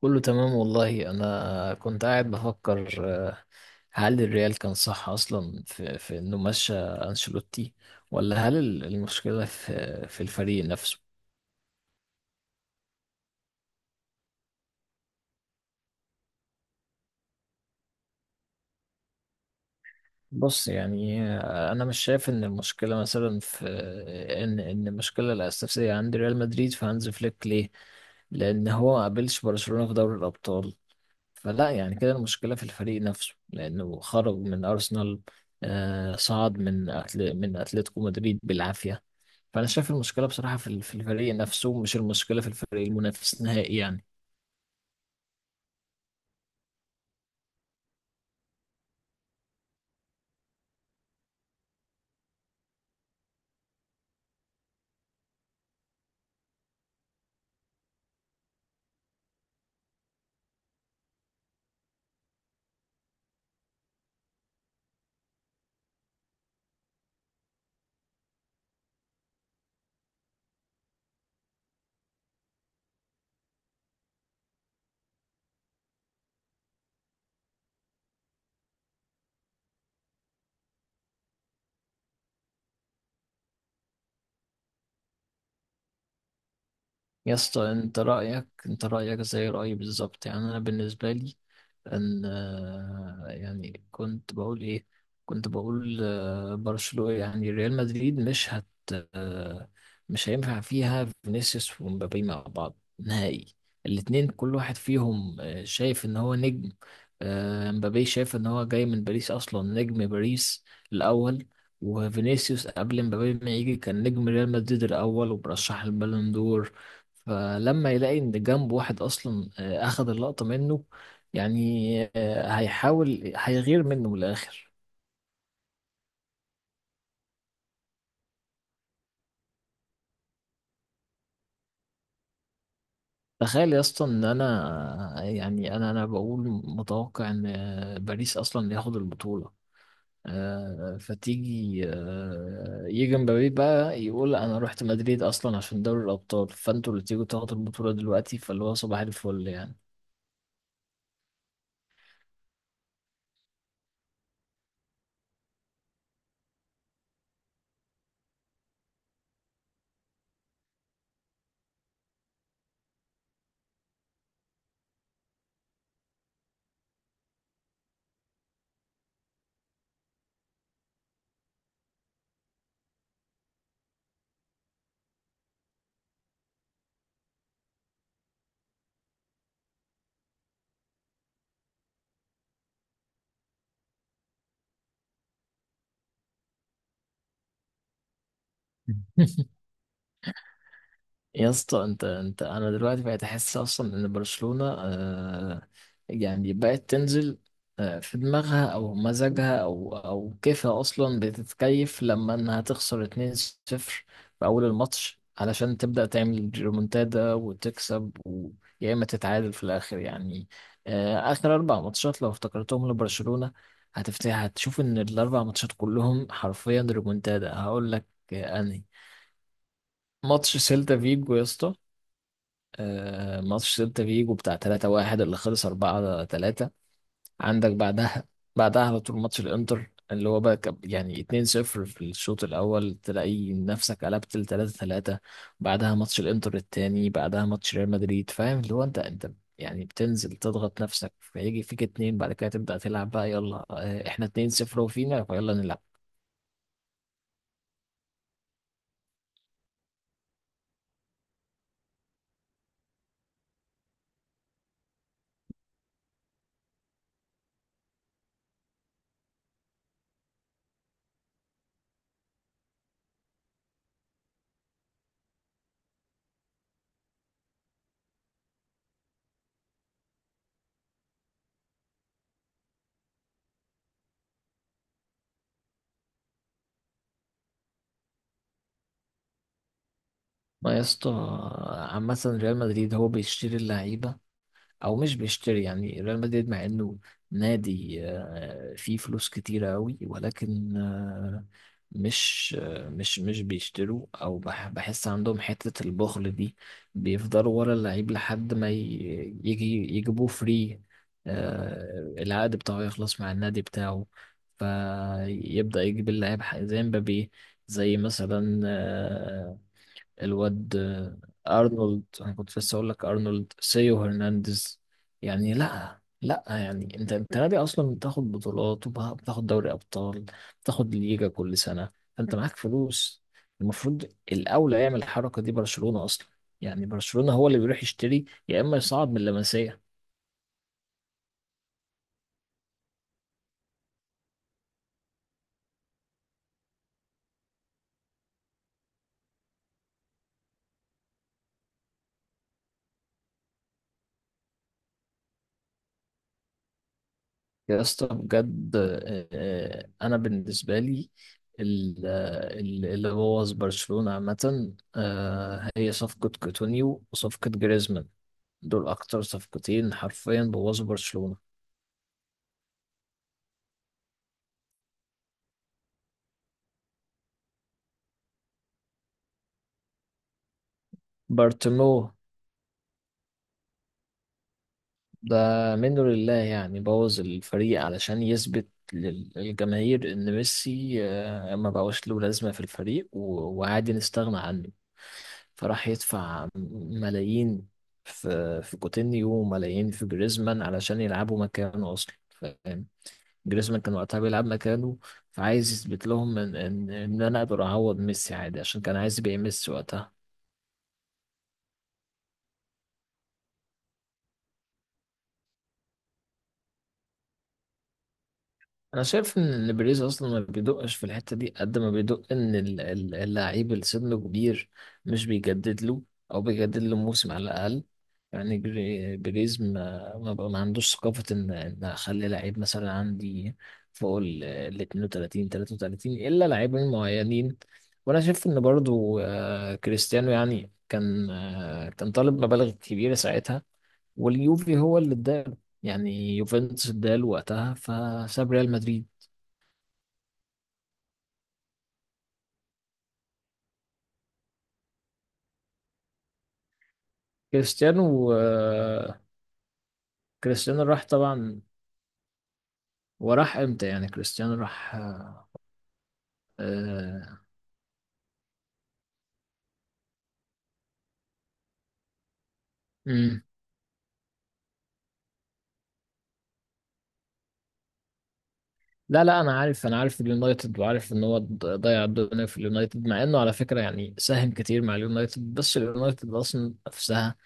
كله تمام والله، انا كنت قاعد بفكر. آه، هل الريال كان صح اصلا في انه مشى انشيلوتي، ولا هل المشكله في الفريق نفسه؟ بص يعني، انا مش شايف ان المشكله مثلا في ان المشكله الاساسيه عند ريال مدريد في هانز فليك، ليه؟ لان هو ما قابلش برشلونه في دوري الابطال. فلا يعني كده المشكله في الفريق نفسه، لانه خرج من ارسنال، صعد من من اتلتيكو مدريد بالعافيه. فانا شايف المشكله بصراحه في في الفريق نفسه، مش المشكله في الفريق المنافس نهائي يعني. يا اسطى، انت رايك زي رايي بالظبط. يعني انا بالنسبه لي ان، يعني كنت بقول ايه، كنت بقول برشلونة، يعني ريال مدريد مش هت آه، مش هينفع فيها فينيسيوس ومبابي مع بعض نهائي. الاتنين كل واحد فيهم شايف ان هو نجم. مبابي شايف ان هو جاي من باريس اصلا، نجم باريس الاول. وفينيسيوس قبل مبابي ما يجي كان نجم ريال مدريد الاول، وبرشح البالون دور. فلما يلاقي ان جنب واحد اصلا اخذ اللقطة منه، يعني هيحاول هيغير منه من الاخر. تخيل يا اسطى ان انا، يعني انا بقول متوقع ان باريس اصلا ياخد البطوله. آه، فتيجي آه، يجي مبابي بقى يقول انا رحت مدريد اصلا عشان دوري الابطال، فانتوا اللي تيجوا تاخدوا البطوله دلوقتي، فاللي هو صباح الفل يعني. يا اسطى، انت انا دلوقتي بقيت احس اصلا ان برشلونة يعني بقت تنزل في دماغها او مزاجها او كيفها، اصلا بتتكيف لما انها تخسر 2-0 في اول الماتش، علشان تبدأ تعمل ريمونتادا وتكسب، ويا اما تتعادل في الاخر يعني. آه، اخر اربع ماتشات لو افتكرتهم لبرشلونة، هتفتح هتشوف ان الاربع ماتشات كلهم حرفيا ريمونتادا. هقول لك انهي ماتش؟ سيلتا فيجو يا اسطى. ماتش سيلتا فيجو بتاع 3-1 اللي خلص 4-3. عندك بعدها، بعدها على طول ماتش الانتر اللي هو بقى يعني 2-0 في الشوط الاول، تلاقي نفسك قلبت ل 3-3. بعدها ماتش الانتر التاني، بعدها ماتش ريال مدريد، فاهم؟ اللي هو انت يعني بتنزل تضغط نفسك، فيجي فيك اتنين، بعد كده تبدأ تلعب بقى، يلا احنا 2-0 وفينا فيلا نلعب. ما يا اسطى، عامة ريال مدريد هو بيشتري اللعيبة او مش بيشتري. يعني ريال مدريد مع انه نادي فيه فلوس كتيرة قوي، ولكن مش بيشتروا، او بحس عندهم حتة البخل دي. بيفضلوا ورا اللعيب لحد ما يجي يجيبوه فري، العقد بتاعه يخلص مع النادي بتاعه، فيبدأ يجيب اللاعب. زي مبابي، زي مثلا آه، الواد آه، ارنولد. انا كنت لسه اقول لك ارنولد سيو هرنانديز. يعني لا يعني انت نادي اصلا بتاخد بطولات وبتاخد دوري ابطال، بتاخد ليجا كل سنه، فانت معاك فلوس. المفروض الاولى يعمل الحركه دي برشلونه اصلا. يعني برشلونه هو اللي بيروح يشتري، يا اما يصعد من اللمسيه. يا اسطى بجد، انا بالنسبه لي اللي بوظ برشلونه عامه هي صفقه كوتونيو وصفقه جريزمان. دول اكتر صفقتين حرفيا بوظوا برشلونه. بارتوميو ده منه لله، يعني بوظ الفريق علشان يثبت للجماهير ان ميسي ما بقاش له لازمة في الفريق وعادي نستغنى عنه. فراح يدفع ملايين في كوتينيو وملايين في جريزمان علشان يلعبوا مكانه اصلا، فاهم؟ جريزمان كان وقتها بيلعب مكانه، فعايز يثبت لهم ان ان انا اقدر اعوض ميسي عادي، عشان كان عايز يبيع ميسي وقتها. انا شايف ان بريز اصلا ما بيدقش في الحته دي قد ما بيدق ان اللعيب اللي سنه كبير مش بيجدد له، او بيجدد له موسم على الاقل. يعني بريز ما ما, بقى ما عندوش ثقافه ان اخلي لعيب مثلا عندي فوق ال 32 33 الا لاعبين معينين. وانا شايف ان برضو كريستيانو يعني كان كان طالب مبالغ كبيره ساعتها، واليوفي هو اللي اداله. يعني يوفنتوس اداله وقتها، فساب ريال مدريد. كريستيانو آه، كريستيانو راح طبعا. وراح امتى يعني؟ كريستيانو راح، آه، مم. لا انا عارف، انا عارف اليونايتد، وعارف ان هو ضيع الدنيا في اليونايتد. مع انه على فكره يعني ساهم كتير مع اليونايتد، بس اليونايتد اصلا نفسها،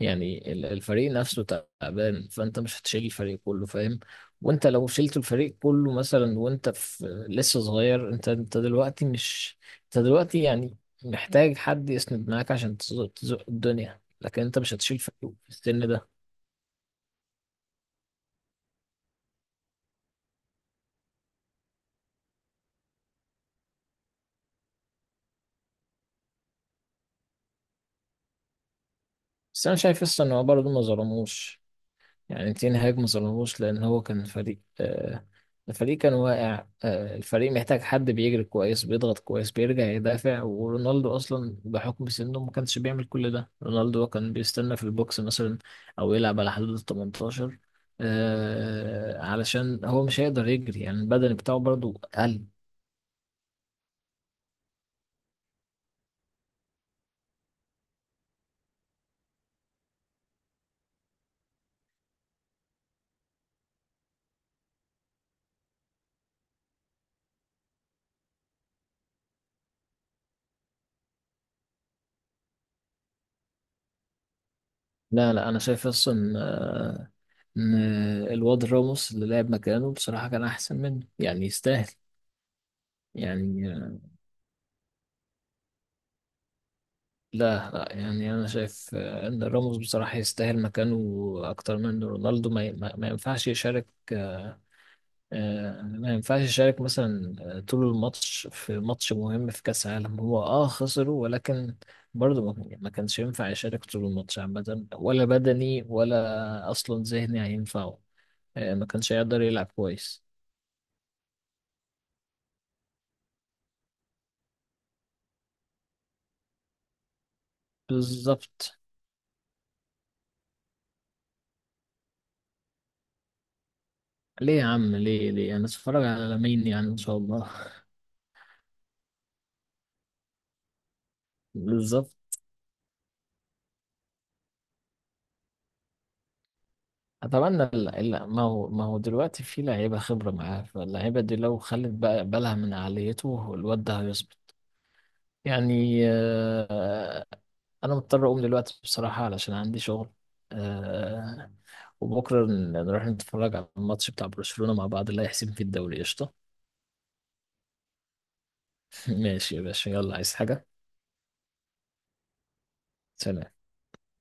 يعني الفريق نفسه تعبان. فانت مش هتشيل الفريق كله فاهم. وانت لو شلت الفريق كله مثلا وانت في لسه صغير، انت انت دلوقتي مش انت دلوقتي يعني محتاج حد يسند معاك عشان تزق تزق الدنيا. لكن انت مش هتشيل فريق في السن ده. بس انا شايف لسه ان هو برضه ما ظلموش، يعني تين هاج ما ظلموش، لأن هو كان فريق آه الفريق كان واقع. آه الفريق محتاج حد بيجري كويس، بيضغط كويس، بيرجع يدافع، ورونالدو أصلا بحكم سنه ما كانش بيعمل كل ده. رونالدو كان بيستنى في البوكس مثلا، أو يلعب على حدود ال 18، آه علشان هو مش هيقدر يجري، يعني البدني بتاعه برضو قل. لا أنا شايف أصلا آه إن الواد راموس اللي لعب مكانه بصراحة كان أحسن منه، يعني يستاهل. يعني لا يعني انا شايف ان راموس بصراحه يستاهل مكانه اكتر من رونالدو. ما ينفعش يشارك، ما ينفعش يشارك مثلا طول الماتش في ماتش مهم في كأس العالم، هو اه خسره، ولكن برضه ما يعني ما كانش ينفع يشارك طول الماتش عامة. ولا بدني ولا أصلا ذهني هينفعه، ما كانش هيقدر يلعب كويس. بالظبط. ليه يا عم؟ ليه أنا أتفرج على لامين يعني إن شاء الله. بالظبط. طبعا ما هو ما هو دلوقتي في لعيبه خبره معاه، فاللعيبه دي لو خلت بقى بالها من عاليته، الواد ده هيظبط. يعني انا مضطر اقوم دلوقتي بصراحه علشان عندي شغل. آه، وبكره نروح نتفرج على الماتش بتاع برشلونه مع بعض اللي هيحسم فيه الدوري، قشطه. ماشي يا باشا، يلا. عايز حاجه؟ سلام.